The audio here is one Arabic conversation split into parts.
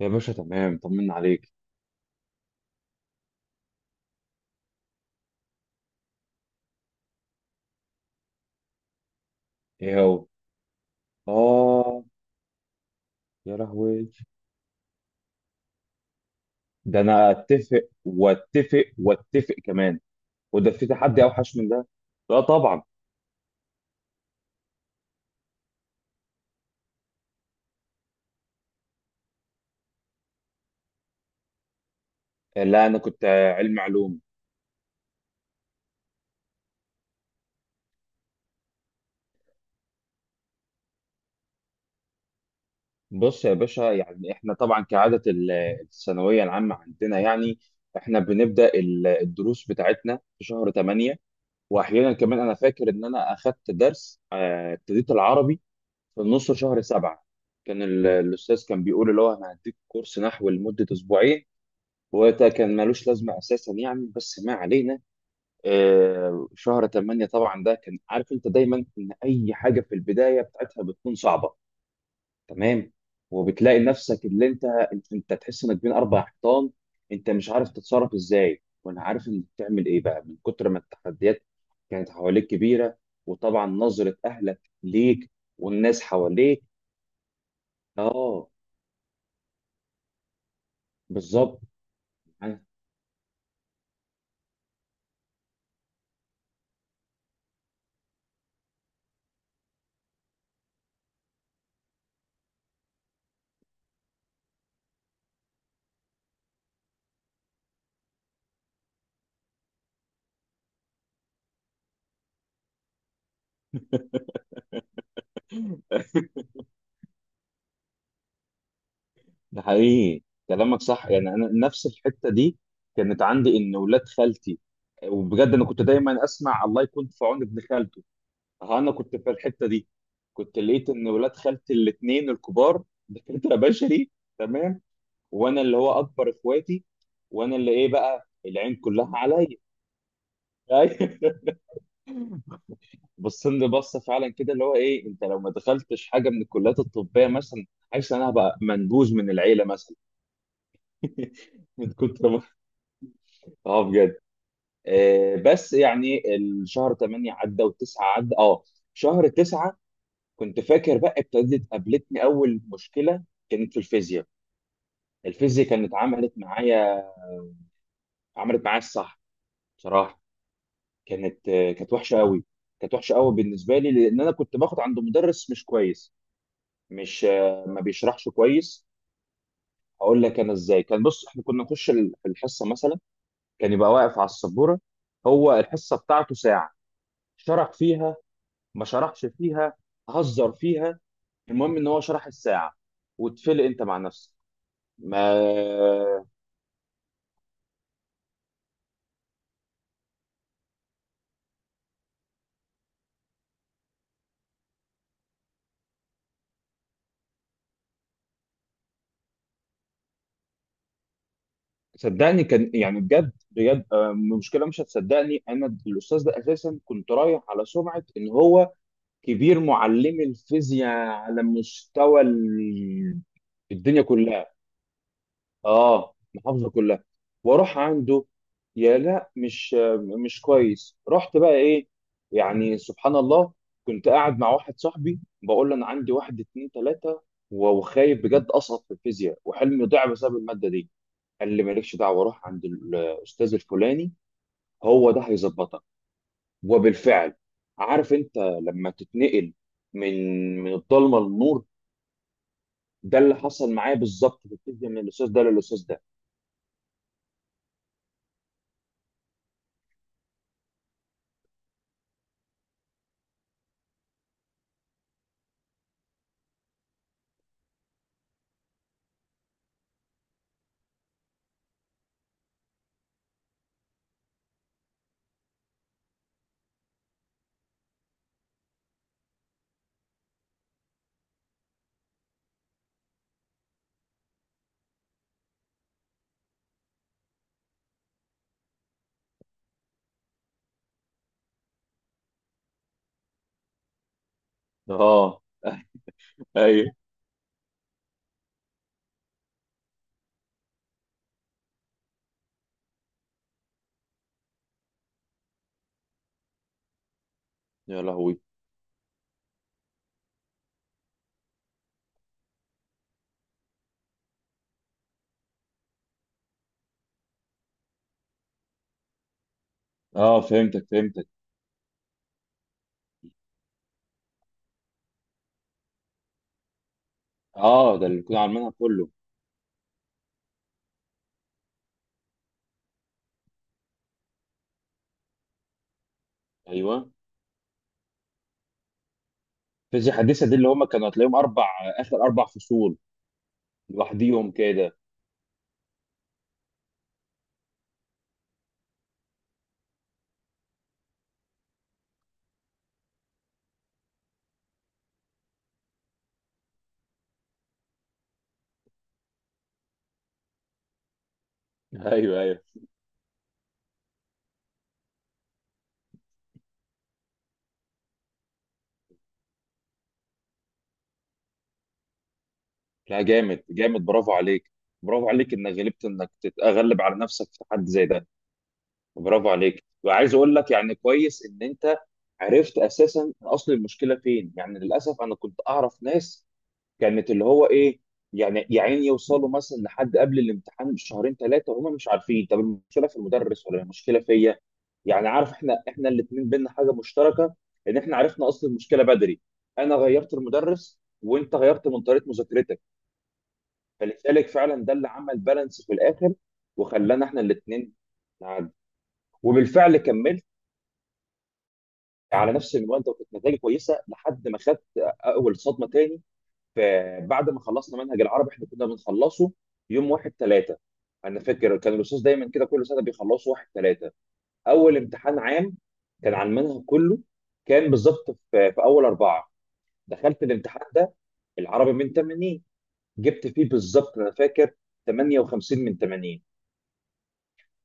يا باشا، تمام، طمنا عليك. ايه هو؟ اه. يا لهوي. ده انا اتفق واتفق واتفق كمان. وده في تحدي اوحش من ده؟ لا طبعا. لا انا كنت علم علوم. بص يا باشا، يعني احنا طبعا كعادة الثانوية العامة عندنا، يعني احنا بنبدأ الدروس بتاعتنا في شهر 8. واحيانا كمان انا فاكر ان انا اخدت درس ابتديت العربي في النص شهر 7. كان الأستاذ كان بيقول اللي هو أنا هديك كورس نحو لمدة أسبوعين، وده كان ملوش لازمة أساسا يعني، بس ما علينا. شهر تمانية، طبعا ده كان عارف أنت دايما إن أي حاجة في البداية بتاعتها بتكون صعبة. تمام. وبتلاقي نفسك اللي أنت تحس إنك بين أربع حيطان. أنت مش عارف تتصرف إزاي، وأنا عارف إنك تعمل إيه بقى من كتر ما التحديات كانت حواليك كبيرة. وطبعا نظرة أهلك ليك، والناس حواليك. اه، بالظبط. ده حقيقي، كلامك صح. يعني انا نفس الحته دي كانت عندي، ان ولاد خالتي، وبجد انا كنت دايما اسمع الله يكون في عون ابن خالته. ها، انا كنت في الحته دي. كنت لقيت ان ولاد خالتي الاثنين الكبار دكاتره بشري. تمام. وانا اللي هو اكبر اخواتي، وانا اللي ايه بقى العين كلها عليا. بصين لي بصه فعلا كده اللي هو ايه، انت لو ما دخلتش حاجه من الكليات الطبيه مثلا، حاسس إن انا هبقى منبوذ من العيله مثلا. من كتر ما. اه بجد. بس يعني الشهر 8 عدى و9 عدى. اه، شهر 9. كنت فاكر بقى ابتدت قابلتني اول مشكله، كانت في الفيزياء. الفيزياء كانت عملت معايا الصح. بصراحه، كانت وحشه قوي. كانت وحشه قوي بالنسبه لي، لان انا كنت باخد عند مدرس مش كويس. مش آه ما بيشرحش كويس. اقول لك انا ازاي كان، بص احنا كنا نخش الحصه مثلا، كان يبقى واقف على السبوره، هو الحصه بتاعته ساعه، شرح فيها، ما شرحش فيها، هزر فيها. المهم ان هو شرح الساعه واتفلق انت مع نفسك. ما صدقني، كان يعني بجد بجد. المشكله مش هتصدقني، انا الاستاذ ده اساسا كنت رايح على سمعه ان هو كبير معلمي الفيزياء على مستوى الدنيا كلها. اه، محافظه كلها، واروح عنده، يا لا، مش كويس. رحت بقى ايه، يعني سبحان الله، كنت قاعد مع واحد صاحبي بقول له انا عندي واحد اتنين تلاته، وخايف بجد اسقط في الفيزياء، وحلمي ضاع بسبب الماده دي. قال لي مالكش دعوه، روح عند الاستاذ الفلاني، هو ده هيظبطك. وبالفعل، عارف انت لما تتنقل من الضلمه للنور، ده اللي حصل معايا بالظبط في الفيزياء، من الاستاذ ده للاستاذ ده. اه. ايوه. يا لهوي. اه، فهمتك، فهمتك. اه، ده اللي كنا عاملينها كله. ايوه. فيزياء حديثه دي اللي هم كانوا هتلاقيهم اربع، اخر اربع فصول لوحديهم كده. ايوه، ايوه. لا، جامد جامد، برافو عليك. برافو عليك انك غلبت، انك تتغلب على نفسك في تحدي زي ده. برافو عليك. وعايز اقول لك، يعني كويس ان انت عرفت اساسا اصل المشكله فين. يعني للاسف انا كنت اعرف ناس كانت اللي هو ايه، يعني يا عيني، يوصلوا مثلا لحد قبل الامتحان بشهرين ثلاثه وهم مش عارفين طب المشكله في المدرس ولا المشكله فيا. يعني عارف، احنا الاثنين بينا حاجه مشتركه، ان احنا عرفنا اصل المشكله بدري. انا غيرت المدرس، وانت غيرت من طريقه مذاكرتك. فلذلك فعلا ده اللي عمل بالانس في الاخر، وخلانا احنا الاثنين نعدي. وبالفعل كملت على نفس المنوال ده، وكانت نتائجي كويسه لحد ما خدت اول صدمه تاني. فبعد ما خلصنا منهج العربي، احنا كنا بنخلصه يوم 1/3، انا فاكر كان الاستاذ دايما كده كل سنه بيخلصوا 1/3. اول امتحان عام كان عن المنهج كله، كان بالظبط في, اول اربعه. دخلت الامتحان ده، العربي من 80، جبت فيه بالظبط انا فاكر 58 من 80.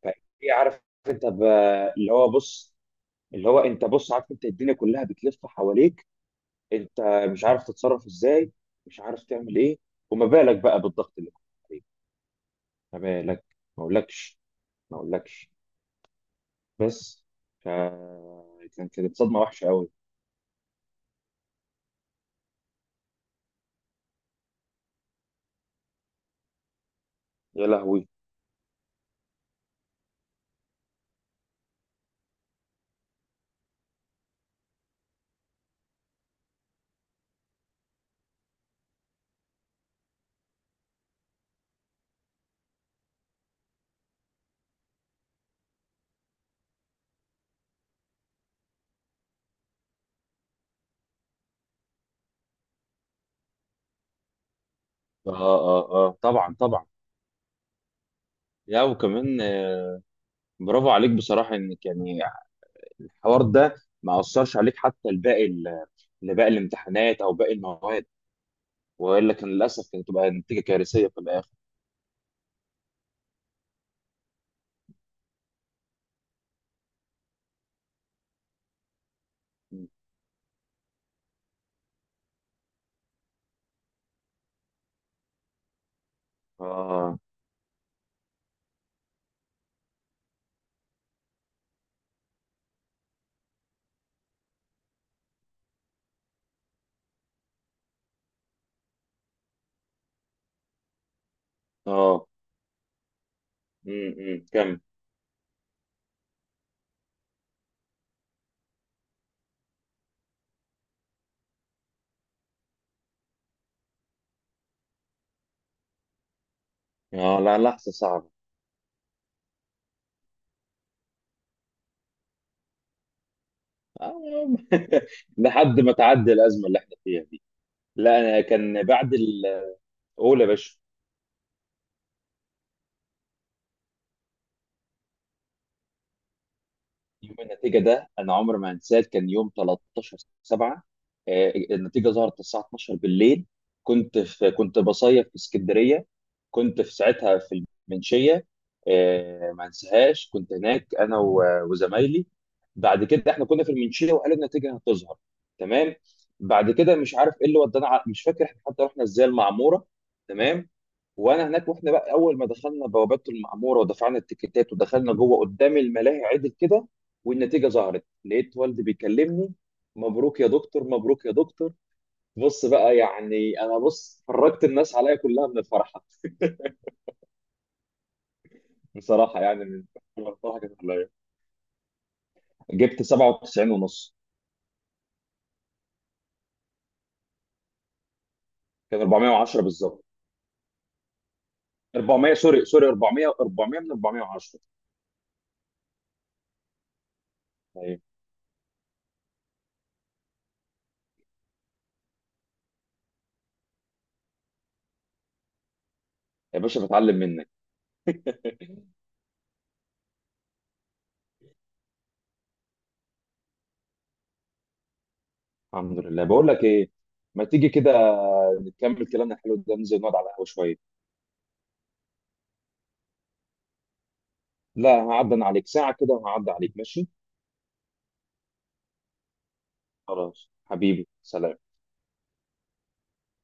فايه عارف، انت اللي هو بص، اللي هو انت بص، عارف انت الدنيا كلها بتلف حواليك، انت مش عارف تتصرف ازاي، مش عارف تعمل ايه. وما بالك بقى بالضغط اللي كنت عليه، ما بالك، ما اقولكش، ما اقولكش بس. ف... كانت صدمه وحشه قوي. يا لهوي. اه اه اه، طبعا طبعا. يا وكمان برافو عليك بصراحه انك يعني الحوار ده ما اثرش عليك حتى لباقي لباقي الامتحانات او باقي المواد، والا كان للاسف كانت تبقى نتيجه كارثيه في الاخر. اه، اه. كم. اه، لا، لحظه صعبه. آه، لحد ما تعدي الازمه اللي احنا فيها دي. لا انا كان بعد الاول. يا باشا، يوم النتيجه ده انا عمري ما هنساه، كان يوم 13 7. النتيجه ظهرت الساعه 12 بالليل. كنت بصيف في اسكندريه. كنت في ساعتها في المنشيه. ما انساهاش، كنت هناك انا وزمايلي. بعد كده احنا كنا في المنشيه وقالوا النتيجه هتظهر. تمام. بعد كده مش عارف ايه اللي ودانا مش فاكر احنا حتى رحنا ازاي المعموره. تمام. وانا هناك، واحنا بقى اول ما دخلنا بوابات المعموره ودفعنا التيكيتات ودخلنا جوه قدام الملاهي عدل كده، والنتيجه ظهرت، لقيت والدي بيكلمني، مبروك يا دكتور، مبروك يا دكتور. بص بقى، يعني انا بص فرجت الناس عليا كلها من الفرحه. بصراحه، يعني من كل الفرحه كانت عليا، جبت 97 ونص. كان 410 بالظبط. 400، سوري سوري، 400 400 من 410. أيوة. يا باشا، بتعلم منك. الحمد لله. بقول لك ايه، ما تيجي كده نكمل كلامنا الحلو ده، ننزل نقعد على القهوه شويه. لا هعدي عليك ساعة كده، وهعدي عليك، ماشي. خلاص، حبيبي، سلام.